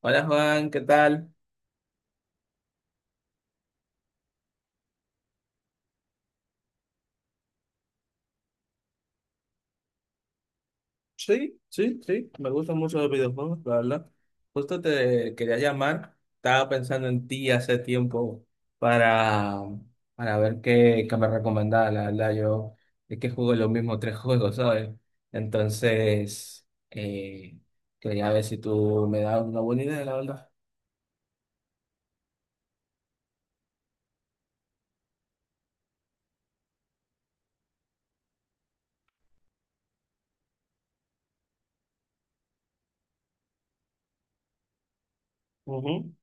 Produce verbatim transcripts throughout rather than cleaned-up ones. Hola Juan, ¿qué tal? Sí, sí, sí, me gustan mucho los videojuegos, la verdad. Justo te quería llamar, estaba pensando en ti hace tiempo para, para ver qué, qué me recomendaba, la verdad. Yo es que juego los mismos tres juegos, ¿sabes? Entonces, eh, quería ver si tú me das una buena idea, la verdad. Ujú.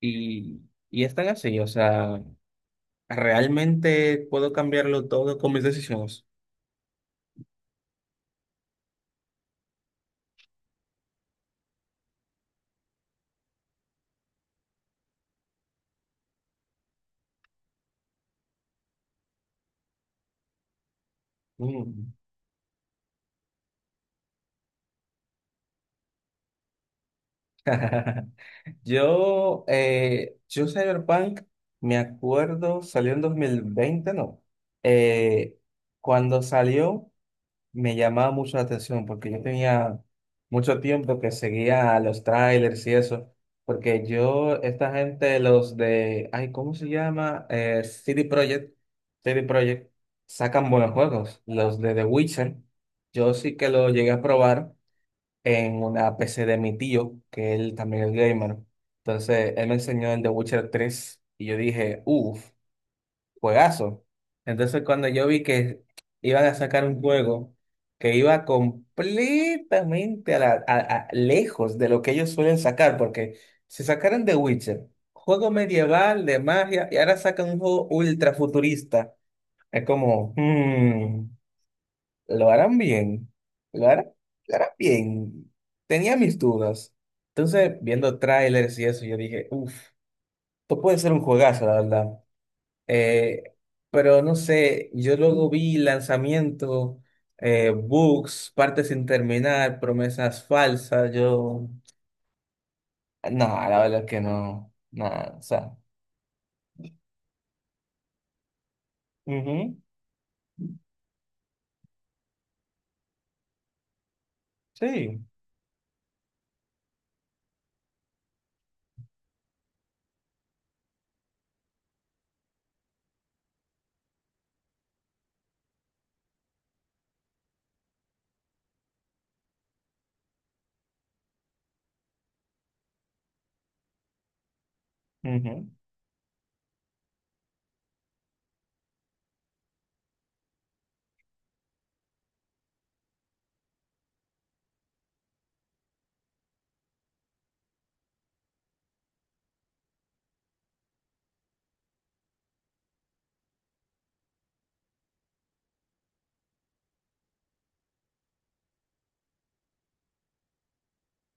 Y, y es tan así, o sea, ¿realmente puedo cambiarlo todo con mis decisiones? Yo, eh, yo Cyberpunk, me acuerdo, salió en dos mil veinte, ¿no? Eh, Cuando salió, me llamaba mucho la atención porque yo tenía mucho tiempo que seguía los trailers y eso, porque yo, esta gente, los de, ay, ¿cómo se llama? Eh, C D Projekt, C D Projekt, sacan buenos juegos, los de The Witcher. Yo sí que lo llegué a probar en una P C de mi tío, que él también es gamer. Entonces, él me enseñó el The Witcher tres y yo dije, uff, juegazo. Entonces, cuando yo vi que iban a sacar un juego que iba completamente a la- a- a- lejos de lo que ellos suelen sacar, porque si sacaran The Witcher, juego medieval de magia, y ahora sacan un juego ultra futurista, es como, hmm. Lo harán bien, lo harán, lo harán bien. Tenía mis dudas. Entonces, viendo trailers y eso, yo dije, uff, esto puede ser un juegazo, la verdad. Eh, pero no sé, yo luego vi lanzamiento, eh, bugs, partes sin terminar, promesas falsas. Yo, no, la verdad es que no, nada, o sea, ujú, sí, ujú.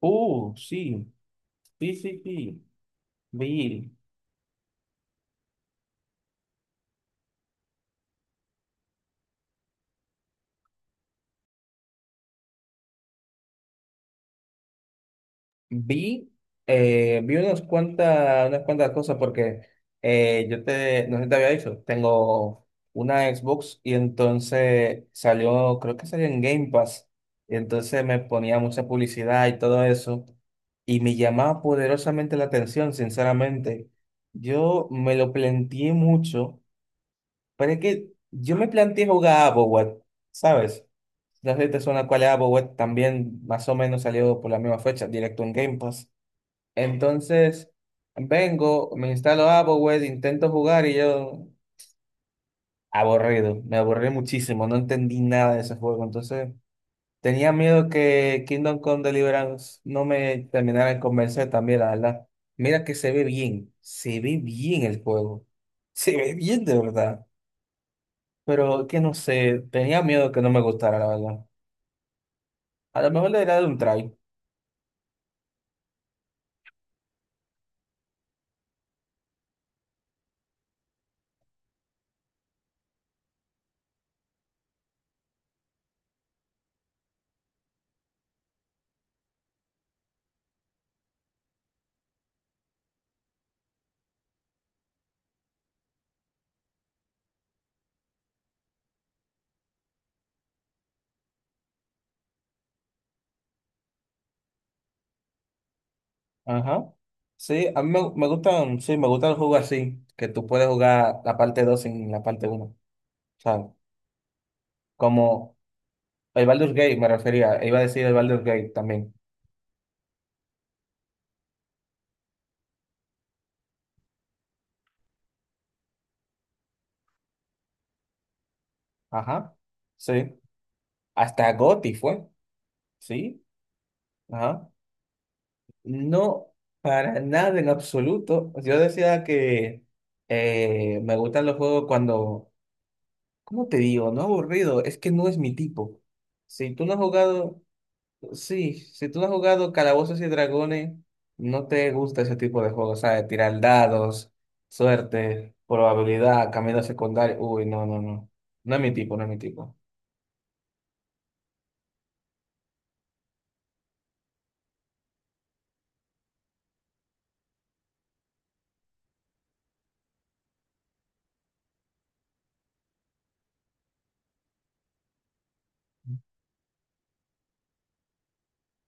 Uh, sí, sí, sí, sí, vi. Vi, eh, vi unas cuantas, unas cuantas cosas porque eh, yo te, no sé si te había dicho, tengo una Xbox y entonces salió, creo que salió en Game Pass, y entonces me ponía mucha publicidad y todo eso, y me llamaba poderosamente la atención, sinceramente. Yo me lo planteé mucho, pero es que yo me planteé jugar a Abowat, ¿sabes? No sé si te suena cuál es Abowat, también más o menos salió por la misma fecha, directo en Game Pass. Entonces, vengo, me instalo AppleWare, intento jugar y yo aburrido, me aburrí muchísimo, no entendí nada de ese juego. Entonces, tenía miedo que Kingdom Come Deliverance no me terminara de convencer también, la verdad. Mira que se ve bien, se ve bien el juego, se ve bien de verdad, pero que no sé, tenía miedo que no me gustara, la verdad. A lo mejor le daría un try. Ajá. Sí, a mí me, me gustan, sí, me gustan los juegos así, que tú puedes jugar la parte dos sin la parte uno, ¿sabes? Como el Baldur's Gate me refería, iba a decir el Baldur's Gate también. Ajá, sí. Hasta Gotti fue, sí, ajá. No, para nada en absoluto. Yo decía que eh, me gustan los juegos cuando, ¿cómo te digo? No aburrido, es que no es mi tipo. Si tú no has jugado... Sí, si tú no has jugado Calabozos y Dragones, no te gusta ese tipo de juegos, ¿sabes? Tirar dados, suerte, probabilidad, camino secundario. Uy, no, no, no. No es mi tipo, no es mi tipo.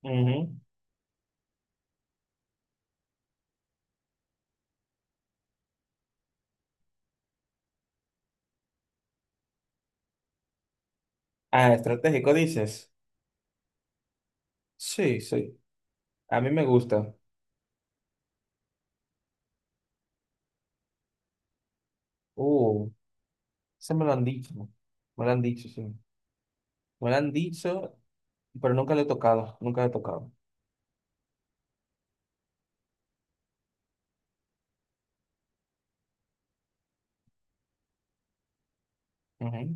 Ujú. Ah, estratégico, dices. Sí, sí. A mí me gusta. Uh, Se me lo han dicho. Me lo han dicho, sí. Me lo han dicho, pero nunca lo he tocado. Nunca lo he tocado. Ujú.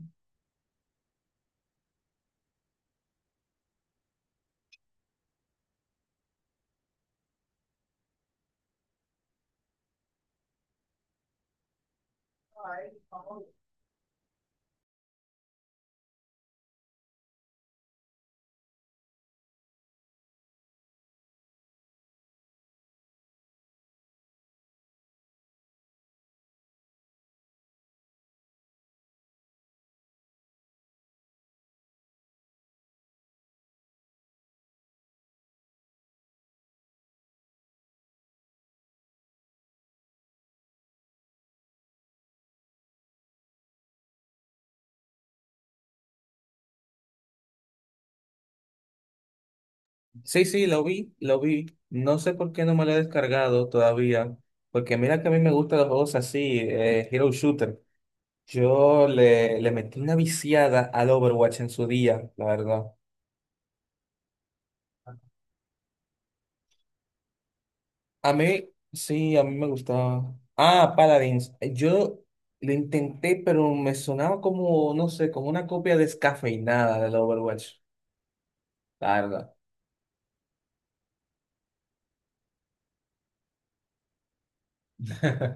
Sí, sí, lo vi, lo vi. No sé por qué no me lo he descargado todavía, porque mira que a mí me gustan los juegos así, eh, Hero Shooter. Yo le, le metí una viciada al Overwatch en su día, la verdad. A mí, sí, a mí me gustaba. Ah, Paladins. Yo lo intenté, pero me sonaba como, no sé, como una copia descafeinada del Overwatch, la verdad.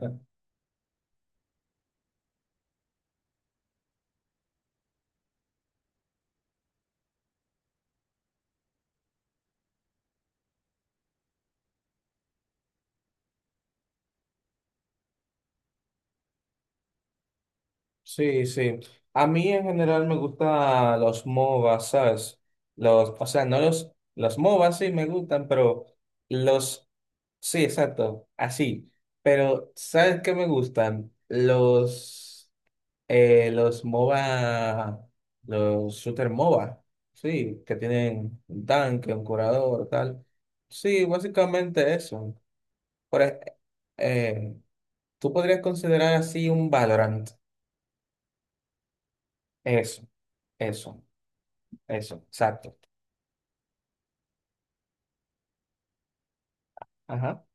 Sí, sí. A mí en general me gustan los MOBAs, ¿sabes? Los, o sea, no los, los MOBAs sí me gustan, pero los, sí, exacto, así. Pero, ¿sabes qué me gustan? Los, eh, los MOBA, los shooter MOBA, sí, que tienen un tanque, un curador, tal. Sí, básicamente eso. Por, ej- eh, Tú podrías considerar así un Valorant, eso, eso. Eso, exacto. Ajá.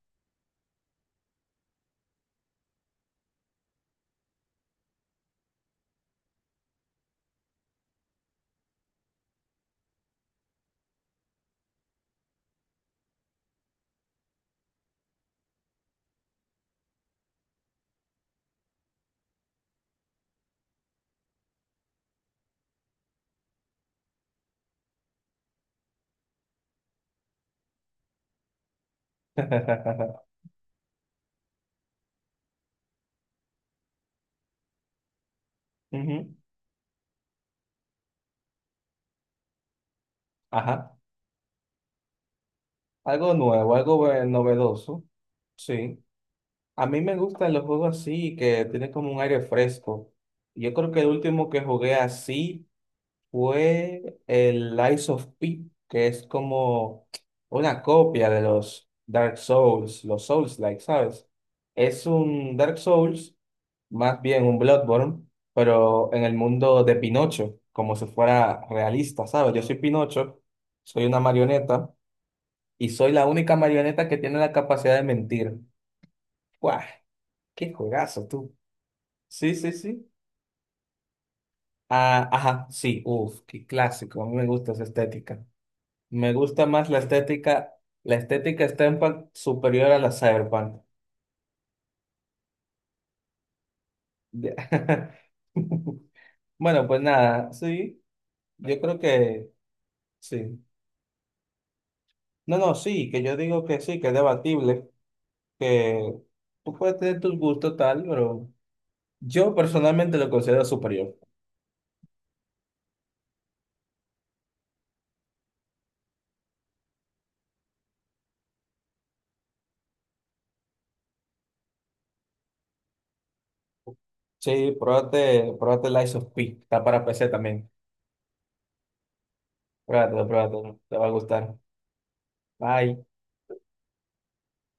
Ujú, ajá. Algo nuevo, algo eh, novedoso. Sí. A mí me gustan los juegos así, que tienen como un aire fresco. Yo creo que el último que jugué así fue el Lies of P, que es como una copia de los Dark Souls, los Souls-like, ¿sabes? Es un Dark Souls, más bien un Bloodborne, pero en el mundo de Pinocho, como si fuera realista, ¿sabes? Yo soy Pinocho, soy una marioneta y soy la única marioneta que tiene la capacidad de mentir. ¡Guau! ¡Qué juegazo, tú! Sí, sí, sí. Ah, ajá, sí, uff, qué clásico, a mí me gusta esa estética. Me gusta más la estética. La estética steampunk superior a la cyberpunk. Ya. Bueno, pues nada, sí. Yo creo que sí. No, no, sí, que yo digo que sí, que es debatible, que tú puedes tener tus gustos tal, pero yo personalmente lo considero superior. Sí, pruébate, pruébate Lies of P. Está para P C también. Pruébatelo, pruébatelo. Te va a gustar. Bye.